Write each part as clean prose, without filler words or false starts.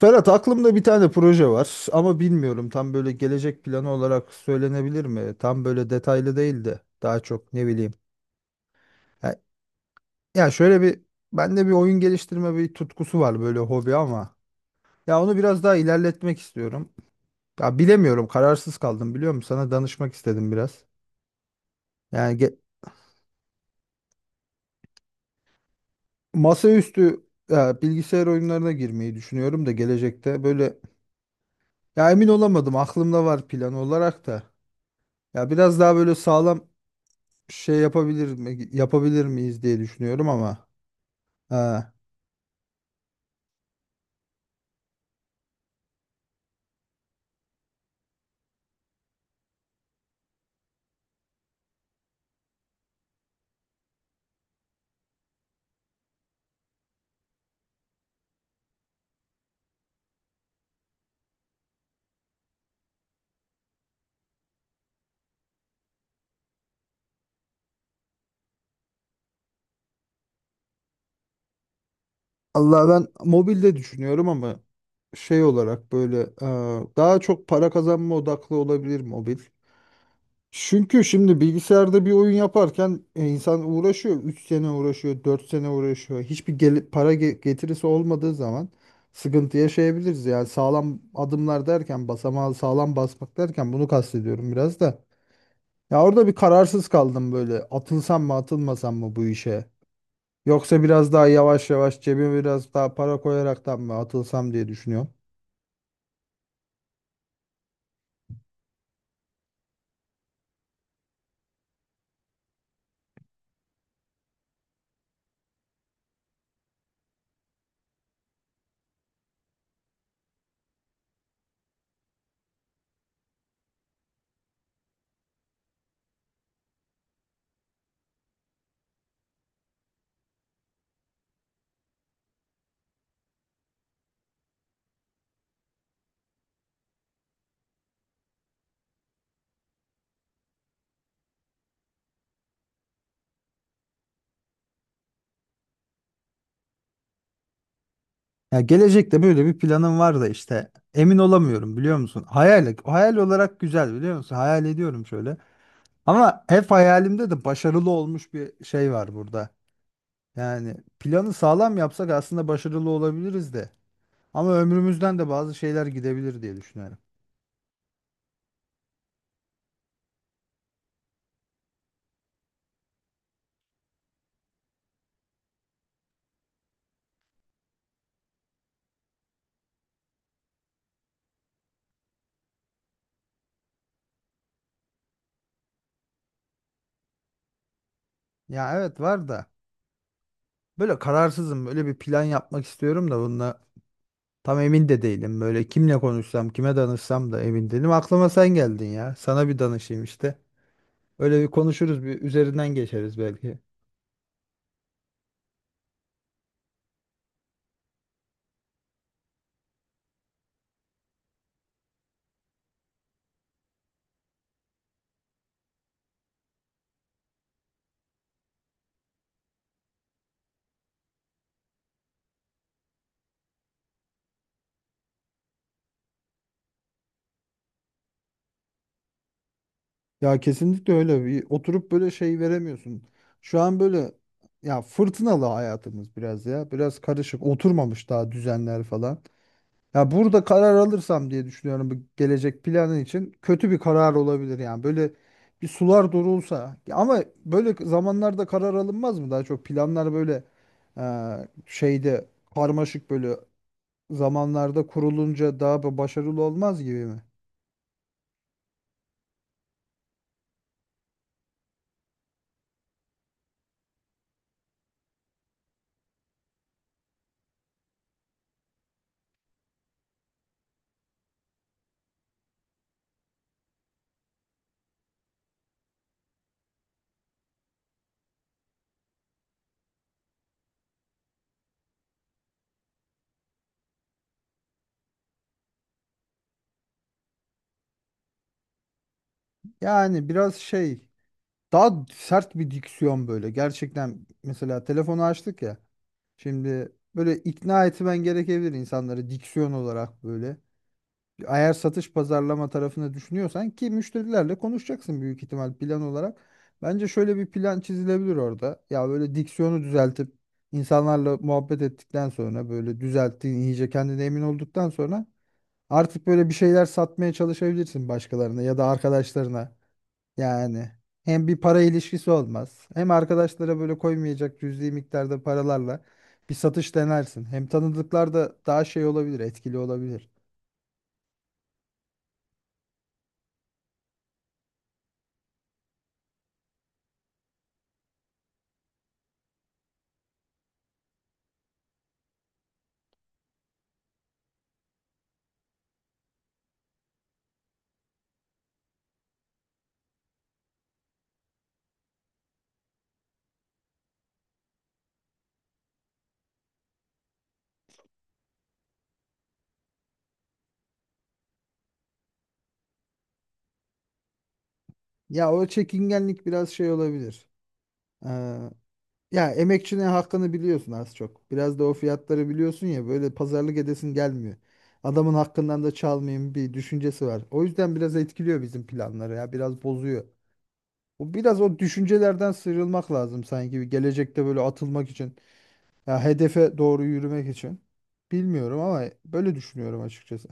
Ferhat, aklımda bir tane proje var ama bilmiyorum, tam böyle gelecek planı olarak söylenebilir mi? Tam böyle detaylı değil de daha çok ne bileyim. Ya, ya, şöyle bir, bende bir oyun geliştirme bir tutkusu var, böyle hobi ama ya onu biraz daha ilerletmek istiyorum. Ya bilemiyorum, kararsız kaldım, biliyor musun? Sana danışmak istedim biraz. Yani masaüstü, ya, bilgisayar oyunlarına girmeyi düşünüyorum da gelecekte böyle, ya emin olamadım, aklımda var plan olarak da. Ya biraz daha böyle sağlam şey yapabilir mi, yapabilir miyiz diye düşünüyorum ama e, Allah, ben mobilde düşünüyorum ama şey olarak böyle, daha çok para kazanma odaklı olabilir mobil. Çünkü şimdi bilgisayarda bir oyun yaparken, insan uğraşıyor. 3 sene uğraşıyor, 4 sene uğraşıyor. Hiçbir para getirisi olmadığı zaman sıkıntı yaşayabiliriz. Yani sağlam adımlar derken, basamağı sağlam basmak derken bunu kastediyorum biraz da. Ya orada bir kararsız kaldım böyle. Atılsam mı, atılmasam mı bu işe? Yoksa biraz daha yavaş yavaş cebime biraz daha para koyaraktan mı atılsam diye düşünüyorum. Ya gelecekte böyle bir planım var da işte emin olamıyorum, biliyor musun? Hayal olarak güzel, biliyor musun? Hayal ediyorum şöyle. Ama hep hayalimde de başarılı olmuş bir şey var burada. Yani planı sağlam yapsak aslında başarılı olabiliriz de. Ama ömrümüzden de bazı şeyler gidebilir diye düşünüyorum. Ya evet, var da böyle kararsızım. Böyle bir plan yapmak istiyorum da bununla tam emin de değilim, böyle kimle konuşsam, kime danışsam da emin değilim. Aklıma sen geldin ya. Sana bir danışayım işte. Öyle bir konuşuruz, bir üzerinden geçeriz belki. Ya kesinlikle, öyle bir oturup böyle şey veremiyorsun. Şu an böyle, ya fırtınalı hayatımız biraz ya. Biraz karışık, oturmamış daha düzenler falan. Ya burada karar alırsam diye düşünüyorum, bu gelecek planın için kötü bir karar olabilir yani. Böyle bir sular durulsa. Ya ama böyle zamanlarda karar alınmaz mı? Daha çok planlar böyle e, şeyde, karmaşık böyle zamanlarda kurulunca daha başarılı olmaz gibi mi? Yani biraz şey, daha sert bir diksiyon böyle. Gerçekten mesela telefonu açtık ya. Şimdi böyle ikna etmen gerekebilir insanları, diksiyon olarak böyle. Eğer satış pazarlama tarafını düşünüyorsan, ki müşterilerle konuşacaksın büyük ihtimal plan olarak. Bence şöyle bir plan çizilebilir orada. Ya böyle diksiyonu düzeltip insanlarla muhabbet ettikten sonra, böyle düzelttiğin, iyice kendine emin olduktan sonra artık böyle bir şeyler satmaya çalışabilirsin başkalarına ya da arkadaşlarına. Yani hem bir para ilişkisi olmaz, hem arkadaşlara böyle koymayacak cüzi miktarda paralarla bir satış denersin. Hem tanıdıklar da daha şey olabilir, etkili olabilir. Ya o çekingenlik biraz şey olabilir. Ee, ya emekçinin hakkını biliyorsun az çok. Biraz da o fiyatları biliyorsun ya, böyle pazarlık edesin gelmiyor. Adamın hakkından da çalmayayım bir düşüncesi var. O yüzden biraz etkiliyor bizim planları, ya biraz bozuyor. Bu biraz o düşüncelerden sıyrılmak lazım sanki, bir gelecekte böyle atılmak için. Ya hedefe doğru yürümek için. Bilmiyorum ama böyle düşünüyorum açıkçası.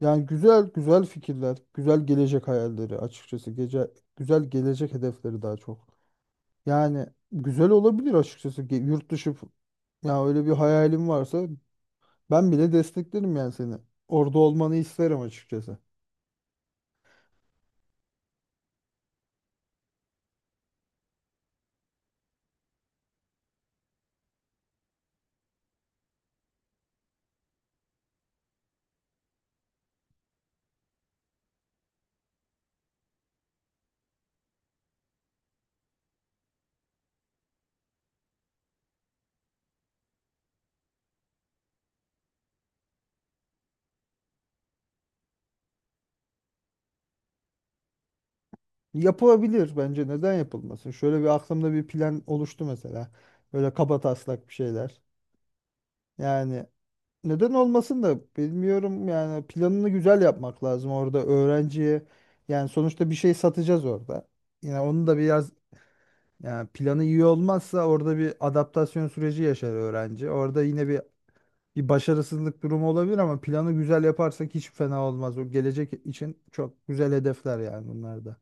Yani güzel güzel fikirler, güzel gelecek hayalleri açıkçası. Gece güzel gelecek hedefleri daha çok. Yani güzel olabilir açıkçası, ki yurt dışı ya öyle bir hayalim varsa ben bile desteklerim yani seni. Orada olmanı isterim açıkçası. Yapılabilir, bence neden yapılmasın? Şöyle bir aklımda bir plan oluştu mesela. Böyle kabataslak bir şeyler. Yani neden olmasın da, bilmiyorum, yani planını güzel yapmak lazım orada öğrenciye. Yani sonuçta bir şey satacağız orada. Yine onu da biraz, yani planı iyi olmazsa orada bir adaptasyon süreci yaşar öğrenci. Orada yine bir başarısızlık durumu olabilir ama planı güzel yaparsak hiç fena olmaz. O gelecek için çok güzel hedefler yani bunlar da.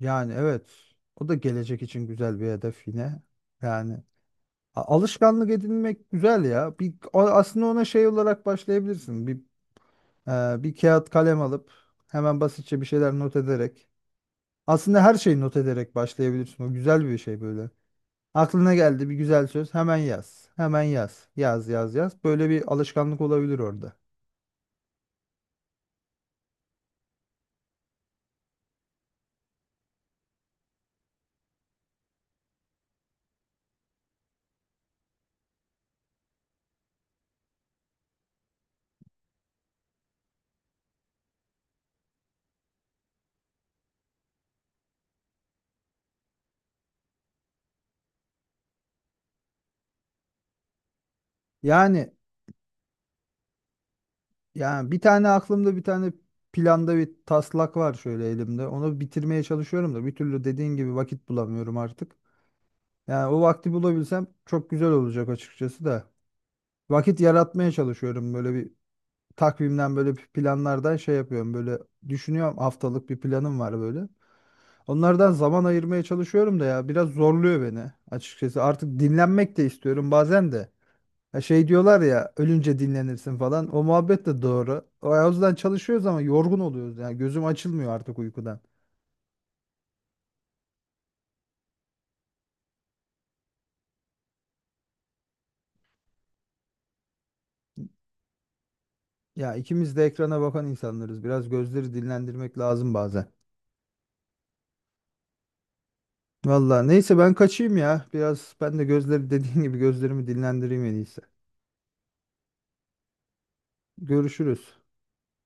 Yani evet. O da gelecek için güzel bir hedef yine. Yani alışkanlık edinmek güzel ya. Bir aslında ona şey olarak başlayabilirsin. Bir bir kağıt kalem alıp hemen basitçe bir şeyler not ederek. Aslında her şeyi not ederek başlayabilirsin. O güzel bir şey böyle. Aklına geldi bir güzel söz, hemen yaz. Hemen yaz. Yaz, yaz, yaz. Böyle bir alışkanlık olabilir orada. Yani Yani, bir tane aklımda, bir tane planda bir taslak var şöyle elimde. Onu bitirmeye çalışıyorum da bir türlü dediğin gibi vakit bulamıyorum artık. Yani o vakti bulabilsem çok güzel olacak açıkçası da. Vakit yaratmaya çalışıyorum, böyle bir takvimden, böyle bir planlardan şey yapıyorum, böyle düşünüyorum, haftalık bir planım var böyle. Onlardan zaman ayırmaya çalışıyorum da ya biraz zorluyor beni açıkçası. Artık dinlenmek de istiyorum bazen de. Ya şey diyorlar ya, ölünce dinlenirsin falan. O muhabbet de doğru. O yüzden çalışıyoruz ama yorgun oluyoruz. Yani gözüm açılmıyor artık uykudan. Ya ikimiz de ekrana bakan insanlarız. Biraz gözleri dinlendirmek lazım bazen. Vallahi neyse, ben kaçayım ya. Biraz ben de gözleri dediğin gibi gözlerimi dinlendireyim en iyisi. Görüşürüz.